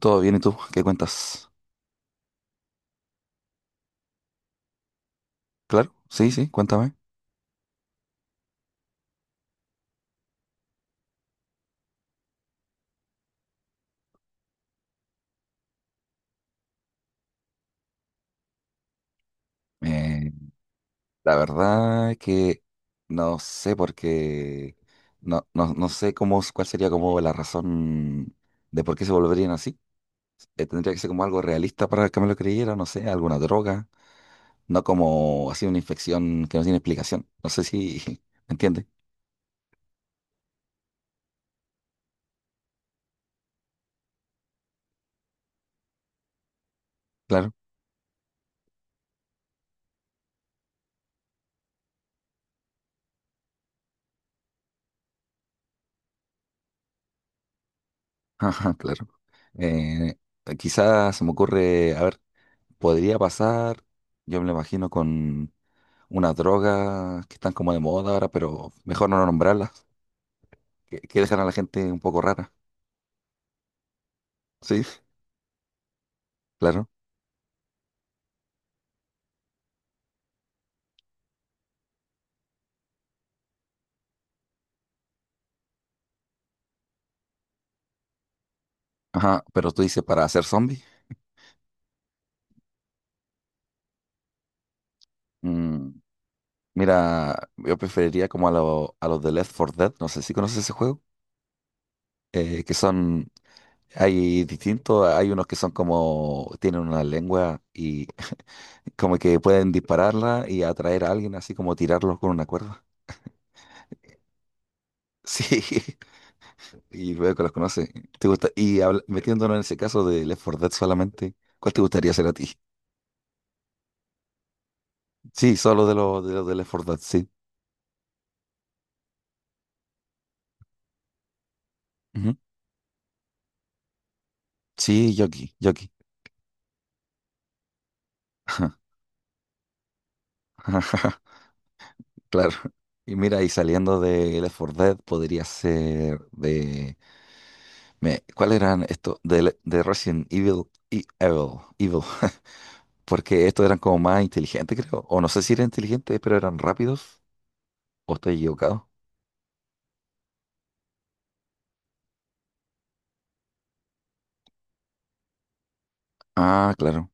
Todo bien, ¿y tú? ¿Qué cuentas? Claro, sí, sí, cuéntame. Eh, la verdad que no sé por qué, no, no, no sé cómo, cuál sería como la razón de por qué se volverían así. Tendría que ser como algo realista para que me lo creyera, no sé, alguna droga, no como así una infección que no tiene explicación. No sé si me entiende. Claro, ajá, claro. Eh, Quizás se me ocurre, a ver, podría pasar, yo me lo imagino unas drogas que están como de moda ahora, pero mejor no nombrarlas, que dejan a la gente un poco rara. Sí, claro. Ajá, pero tú dices para hacer zombie. Mm, Mira, yo preferiría como a, a los de Left 4 Dead, no sé si conoces ese juego, que son, hay distintos, hay unos que son como, tienen una lengua y como que pueden dispararla y atraer a alguien, así como tirarlos con una cuerda. Sí, y luego los conoces. ¿Te gusta? Y metiéndonos en ese caso de Left four Dead solamente, ¿cuál te gustaría ser a ti? Sí, solo de los de Left four Dead, sí. Ujú. Sí, Yoki, Yoki. Claro. Y mira, y saliendo de Left four Dead, podría ser de, ¿cuál eran estos? De Resident Evil y Evil. Evil. Porque estos eran como más inteligentes, creo. O no sé si eran inteligentes, pero eran rápidos. ¿O estoy equivocado? Ah, claro.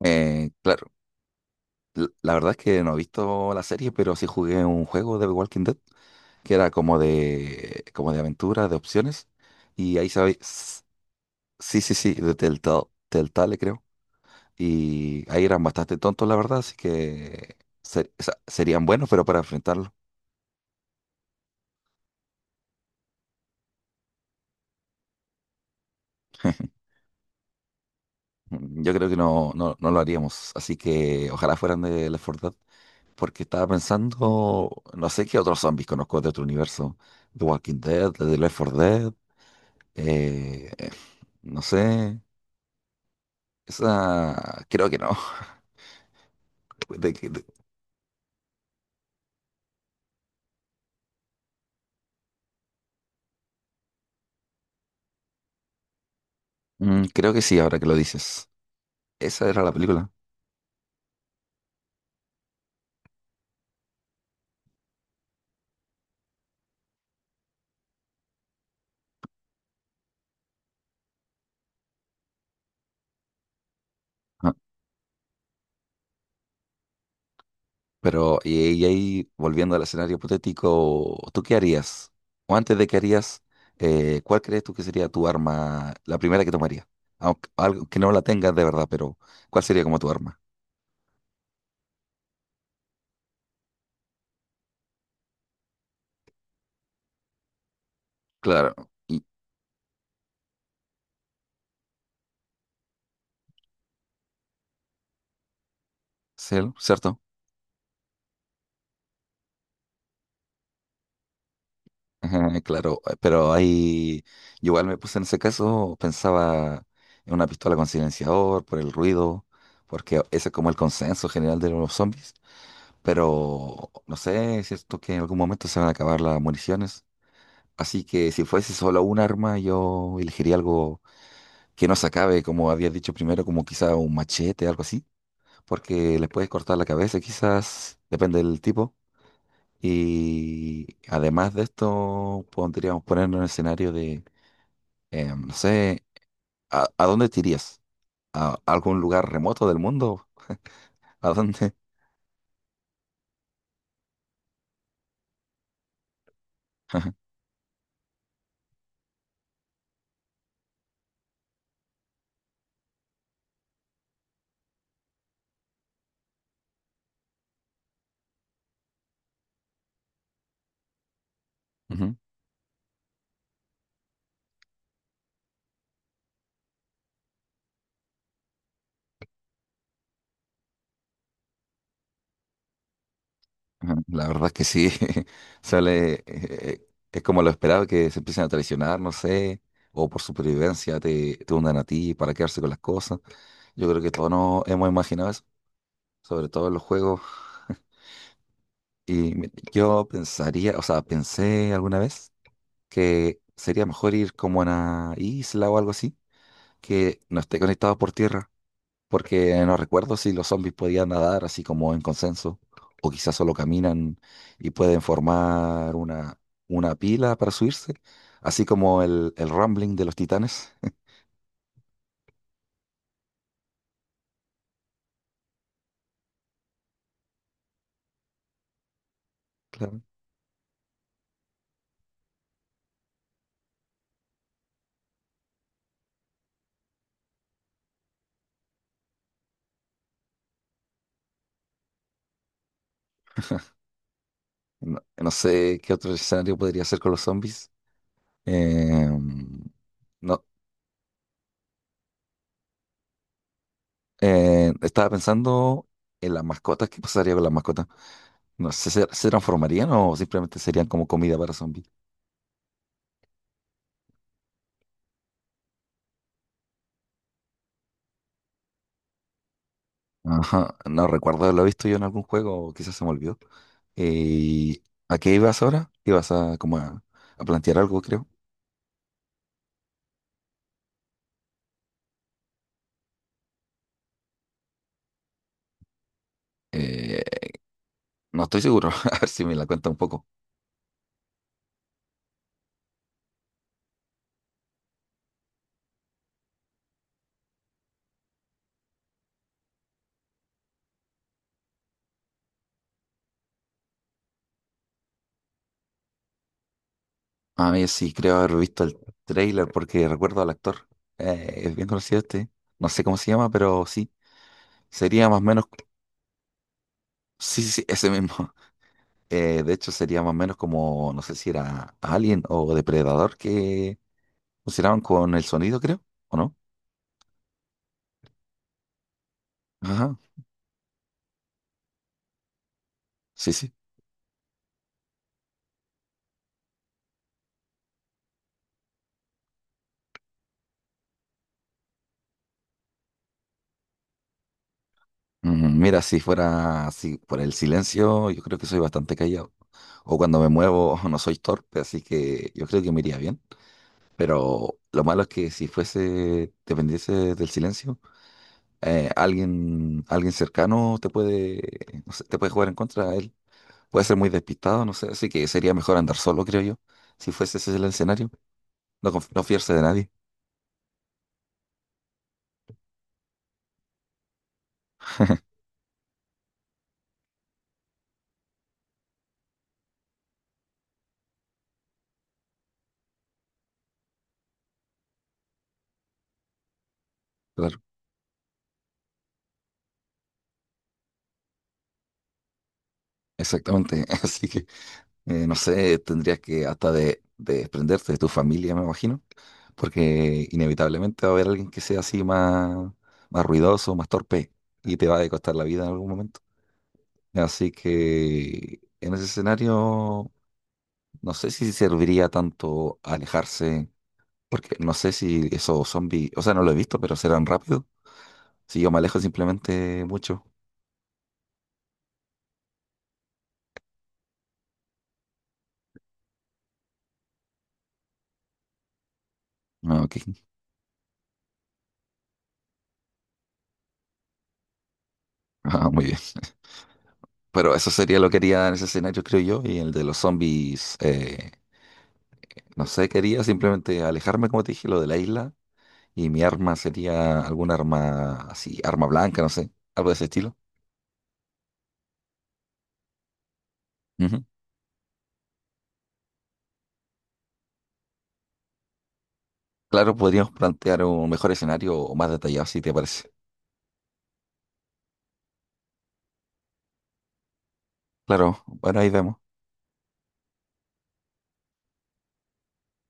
Claro. La verdad es que no he visto la serie, pero sí jugué un juego de The Walking Dead, que era como de aventura, de opciones. Y ahí sabéis, sí, sí, sí, de Telltale, Telltale creo. Y ahí eran bastante tontos, la verdad, así que serían buenos, pero para enfrentarlo. Yo creo que no, no, no lo haríamos. Así que ojalá fueran de Left 4 Dead, porque estaba pensando, no sé qué otros zombies conozco de otro universo, The Walking Dead, de Left 4 Dead, eh, no sé. Esa, creo que no. De que- de- Creo que sí, ahora que lo dices. Esa era la película. Ah, pero, y ahí, volviendo al escenario hipotético, ¿tú qué harías? O antes de qué harías, ¿cuál crees tú que sería tu arma, la primera que tomarías? Aunque algo que no la tengas de verdad, pero ¿cuál sería como tu arma? Claro. Y, ¿cierto? Ajá, claro, pero ahí yo igual me puse en ese caso, pensaba en una pistola con silenciador, por el ruido, porque ese es como el consenso general de los zombies, pero no sé, es cierto que en algún momento se van a acabar las municiones, así que si fuese solo un arma, yo elegiría algo que no se acabe, como había dicho primero, como quizá un machete, algo así, porque les puedes cortar la cabeza, quizás, depende del tipo. Y además de esto, podríamos ponernos en el escenario de. No sé, ¿A dónde te irías? ¿A algún lugar remoto del mundo? ¿A dónde? Ujú, ujú. La verdad es que sí, sale, es como lo esperado que se empiecen a traicionar, no sé, o por supervivencia te hundan a ti para quedarse con las cosas. Yo creo que todos nos hemos imaginado eso, sobre todo en los juegos. Y yo pensaría, o sea, pensé alguna vez que sería mejor ir como a una isla o algo así, que no esté conectado por tierra porque no recuerdo si los zombies podían nadar así como en consenso, o quizás solo caminan y pueden formar una pila para subirse, así como el rumbling de los titanes. Claro. No, no sé qué otro escenario podría ser con los zombies. Eh, no, estaba pensando en las mascotas. ¿Qué pasaría con las mascotas? No sé, ¿se, se transformarían o simplemente serían como comida para zombies? Ajá, no recuerdo haberlo visto yo en algún juego, o quizás se me olvidó. ¿Y a qué ibas ahora? Ibas a como a plantear algo, creo. Eh, no estoy seguro, a ver si me la cuenta un poco. A mí sí creo haber visto el trailer porque recuerdo al actor. Es bien conocido este. No sé cómo se llama, pero sí. Sería más o menos. Sí, sí, sí, ese mismo. De hecho, sería más o menos como, no sé si era Alien o Depredador que funcionaban con el sonido, creo, ¿o no? Ajá, sí, sí. Mira, si fuera así por el silencio, yo creo que soy bastante callado. O cuando me muevo no soy torpe, así que yo creo que me iría bien. Pero lo malo es que si fuese, dependiese del silencio, alguien, alguien cercano te puede, no sé, te puede jugar en contra a él. Puede ser muy despistado, no sé, así que sería mejor andar solo, creo yo. Si fuese ese el escenario, no, no fiarse de nadie. Claro, exactamente. Así que no sé, tendrías que hasta de desprenderte de tu familia, me imagino, porque inevitablemente va a haber alguien que sea así más, más ruidoso, más torpe, y te va a costar la vida en algún momento. Así que en ese escenario, no sé si serviría tanto alejarse, porque no sé si esos zombies, o sea, no lo he visto, pero serán rápidos. Si yo me alejo simplemente mucho. Ah, ok. Ah, muy bien. Pero eso sería lo que haría en ese escenario, creo yo, y el de los zombies. No sé, quería simplemente alejarme, como te dije, lo de la isla. Y mi arma sería alguna arma así, arma blanca, no sé, algo de ese estilo. Ujú. Claro, podríamos plantear un mejor escenario o más detallado, si te parece. Claro, bueno, ahí vemos.